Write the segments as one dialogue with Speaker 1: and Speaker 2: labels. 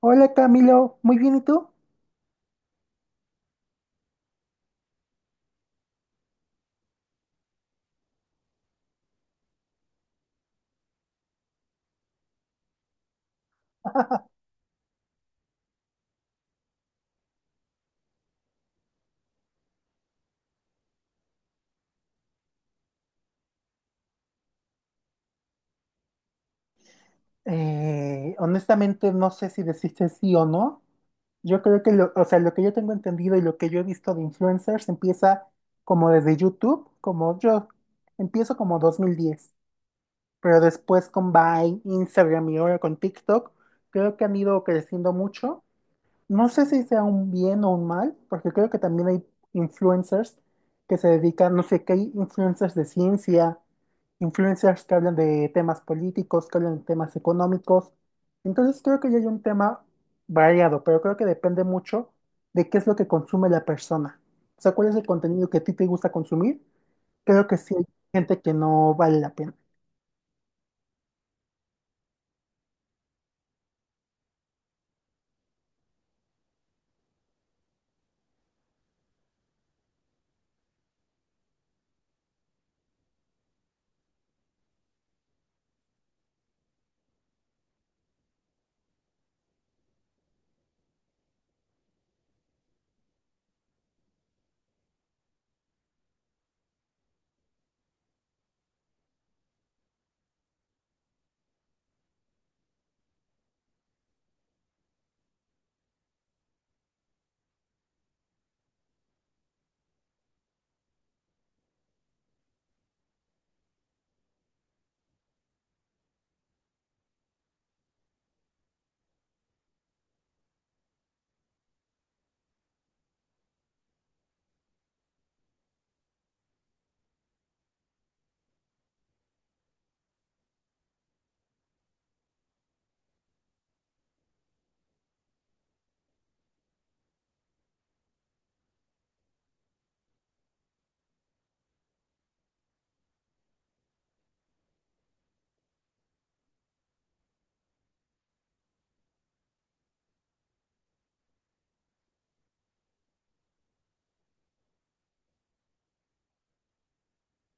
Speaker 1: Hola Camilo, muy bien, ¿y tú? Honestamente no sé si deciste sí o no. Yo creo que o sea, lo que yo tengo entendido y lo que yo he visto de influencers empieza como desde YouTube, como yo empiezo como 2010, pero después con Vine, Instagram y ahora con TikTok, creo que han ido creciendo mucho. No sé si sea un bien o un mal, porque creo que también hay influencers que se dedican, no sé, que hay influencers de ciencia, influencers que hablan de temas políticos, que hablan de temas económicos. Entonces creo que ya hay un tema variado, pero creo que depende mucho de qué es lo que consume la persona. O sea, cuál es el contenido que a ti te gusta consumir. Creo que sí hay gente que no vale la pena.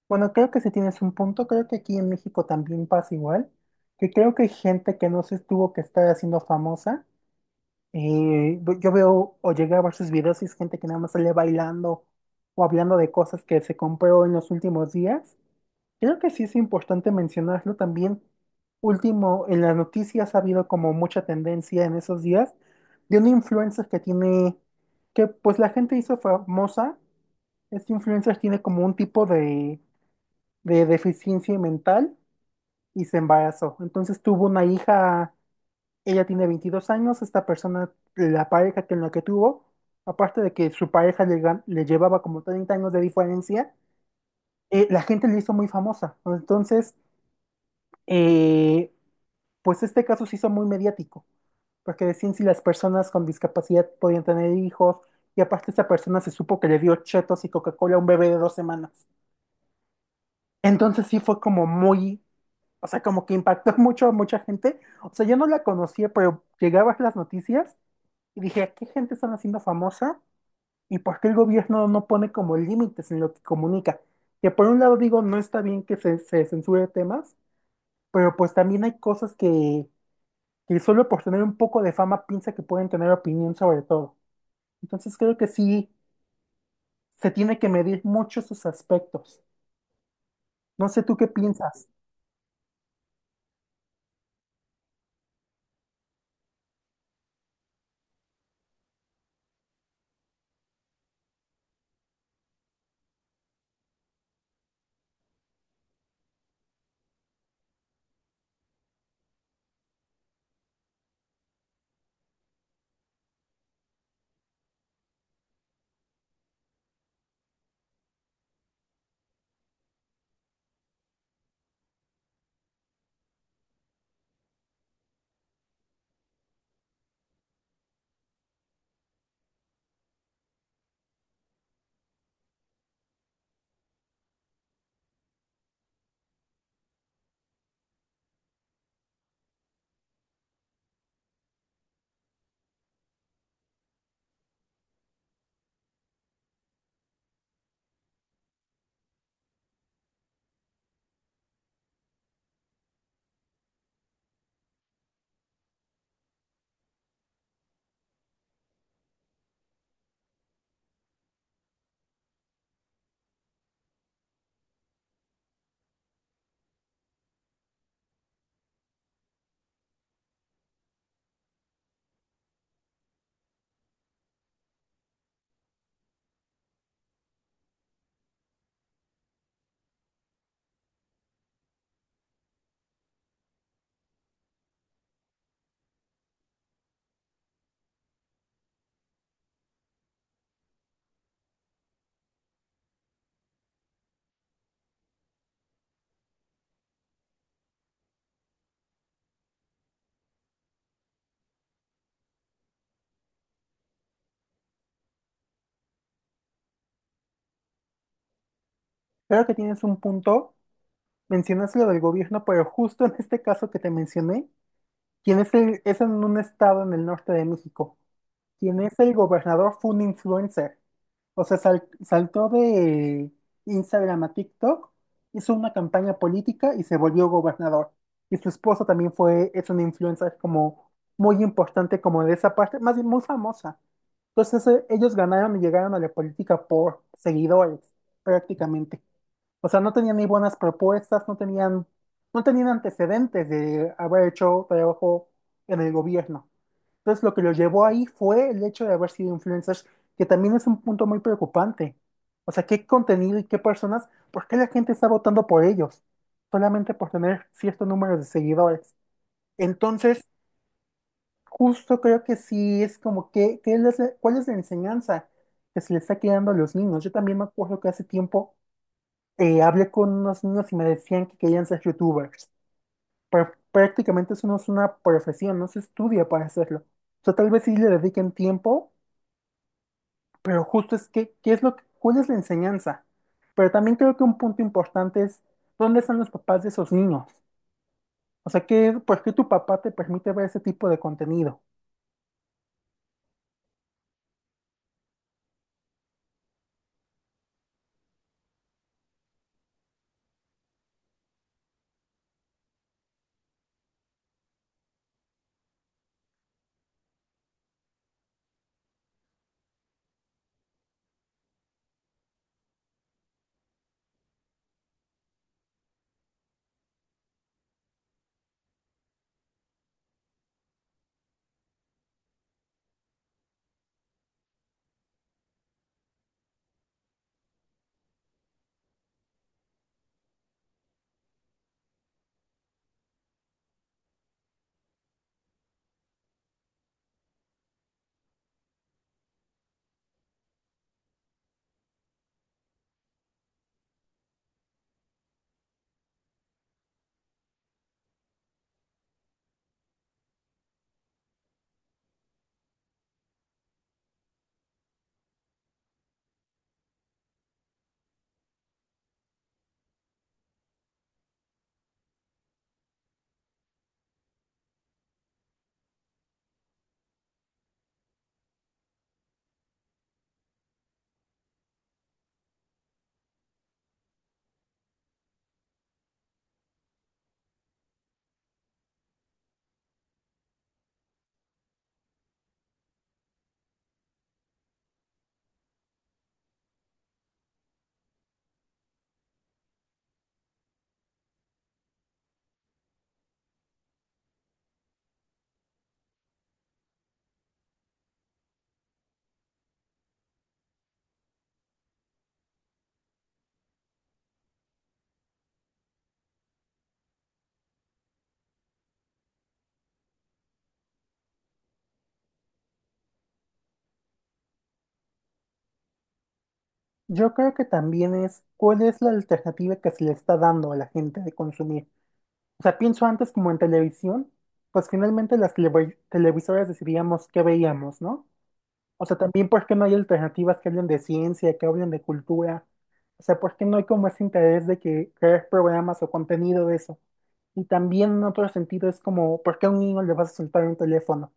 Speaker 1: Bueno, creo que sí tienes un punto, creo que aquí en México también pasa igual, que creo que hay gente que no se tuvo que estar haciendo famosa. Yo veo o llegué a ver sus videos y es gente que nada más sale bailando o hablando de cosas que se compró en los últimos días. Creo que sí es importante mencionarlo también. Último, en las noticias ha habido como mucha tendencia en esos días de una influencer que pues la gente hizo famosa. Este influencer tiene como un tipo de deficiencia mental y se embarazó. Entonces tuvo una hija, ella tiene 22 años, esta persona, la pareja que en la que tuvo, aparte de que su pareja le llevaba como 30 años de diferencia. La gente le hizo muy famosa. Entonces, eh, pues este caso se hizo muy mediático, porque decían si las personas con discapacidad podían tener hijos. Y aparte esa persona se supo que le dio chetos y Coca-Cola a un bebé de 2 semanas. Entonces sí fue como muy, o sea, como que impactó mucho a mucha gente. O sea, yo no la conocía, pero llegaba a las noticias y dije, ¿a qué gente están haciendo famosa? ¿Y por qué el gobierno no pone como límites en lo que comunica? Que por un lado digo, no está bien que se censure temas, pero pues también hay cosas que solo por tener un poco de fama piensa que pueden tener opinión sobre todo. Entonces creo que sí se tiene que medir mucho sus aspectos. No sé tú qué piensas. Creo que tienes un punto. Mencionaste lo del gobierno, pero justo en este caso que te mencioné, quien es es en un estado en el norte de México. Quien es el gobernador fue un influencer. O sea, saltó de Instagram a TikTok, hizo una campaña política y se volvió gobernador. Y su esposa también fue, es una influencer como muy importante como de esa parte, más bien muy famosa. Entonces ellos ganaron y llegaron a la política por seguidores, prácticamente. O sea, no tenían ni buenas propuestas, no tenían antecedentes de haber hecho trabajo en el gobierno. Entonces, lo que los llevó ahí fue el hecho de haber sido influencers, que también es un punto muy preocupante. O sea, qué contenido y qué personas, ¿por qué la gente está votando por ellos? Solamente por tener cierto número de seguidores. Entonces, justo creo que sí es como ¿cuál es la enseñanza que se le está quedando a los niños? Yo también me acuerdo que hace tiempo hablé con unos niños y me decían que querían ser youtubers. Pero prácticamente eso no es una profesión, no se estudia para hacerlo. O sea, tal vez sí le dediquen tiempo, pero justo es que, ¿qué es lo que, ¿cuál es la enseñanza? Pero también creo que un punto importante es, ¿dónde están los papás de esos niños? O sea, ¿ por qué tu papá te permite ver ese tipo de contenido? Yo creo que también es, ¿cuál es la alternativa que se le está dando a la gente de consumir? O sea, pienso antes como en televisión, pues finalmente las televisoras decidíamos qué veíamos, ¿no? O sea, también ¿por qué no hay alternativas que hablen de ciencia, que hablen de cultura? O sea, ¿por qué no hay como ese interés de que crear programas o contenido de eso? Y también en otro sentido es como, ¿por qué a un niño le vas a soltar un teléfono?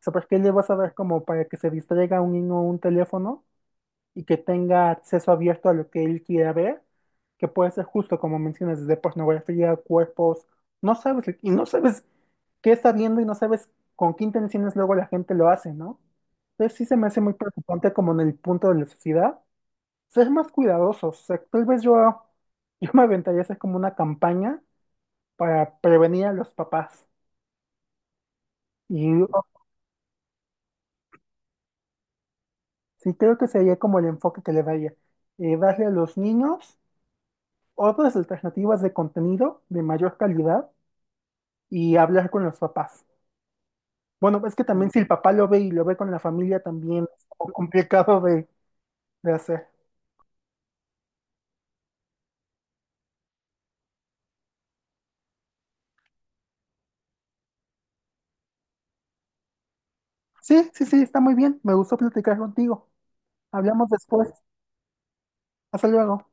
Speaker 1: O sea, ¿por qué le vas a dar como para que se distraiga a un niño un teléfono? Y que tenga acceso abierto a lo que él quiera ver, que puede ser justo como mencionas, desde pornografía, cuerpos, no sabes, y no sabes qué está viendo y no sabes con qué intenciones luego la gente lo hace, ¿no? Entonces sí se me hace muy preocupante como en el punto de la sociedad, ser más cuidadosos, o sea, tal vez yo, yo me aventaría a hacer como una campaña para prevenir a los papás. Y oh, sí creo que sería como el enfoque que le daría, darle a los niños otras alternativas de contenido de mayor calidad y hablar con los papás. Bueno, es que también si el papá lo ve y lo ve con la familia también es como complicado de hacer. Sí, sí, sí, está muy bien. Me gustó platicar contigo. Hablamos después. Hasta luego.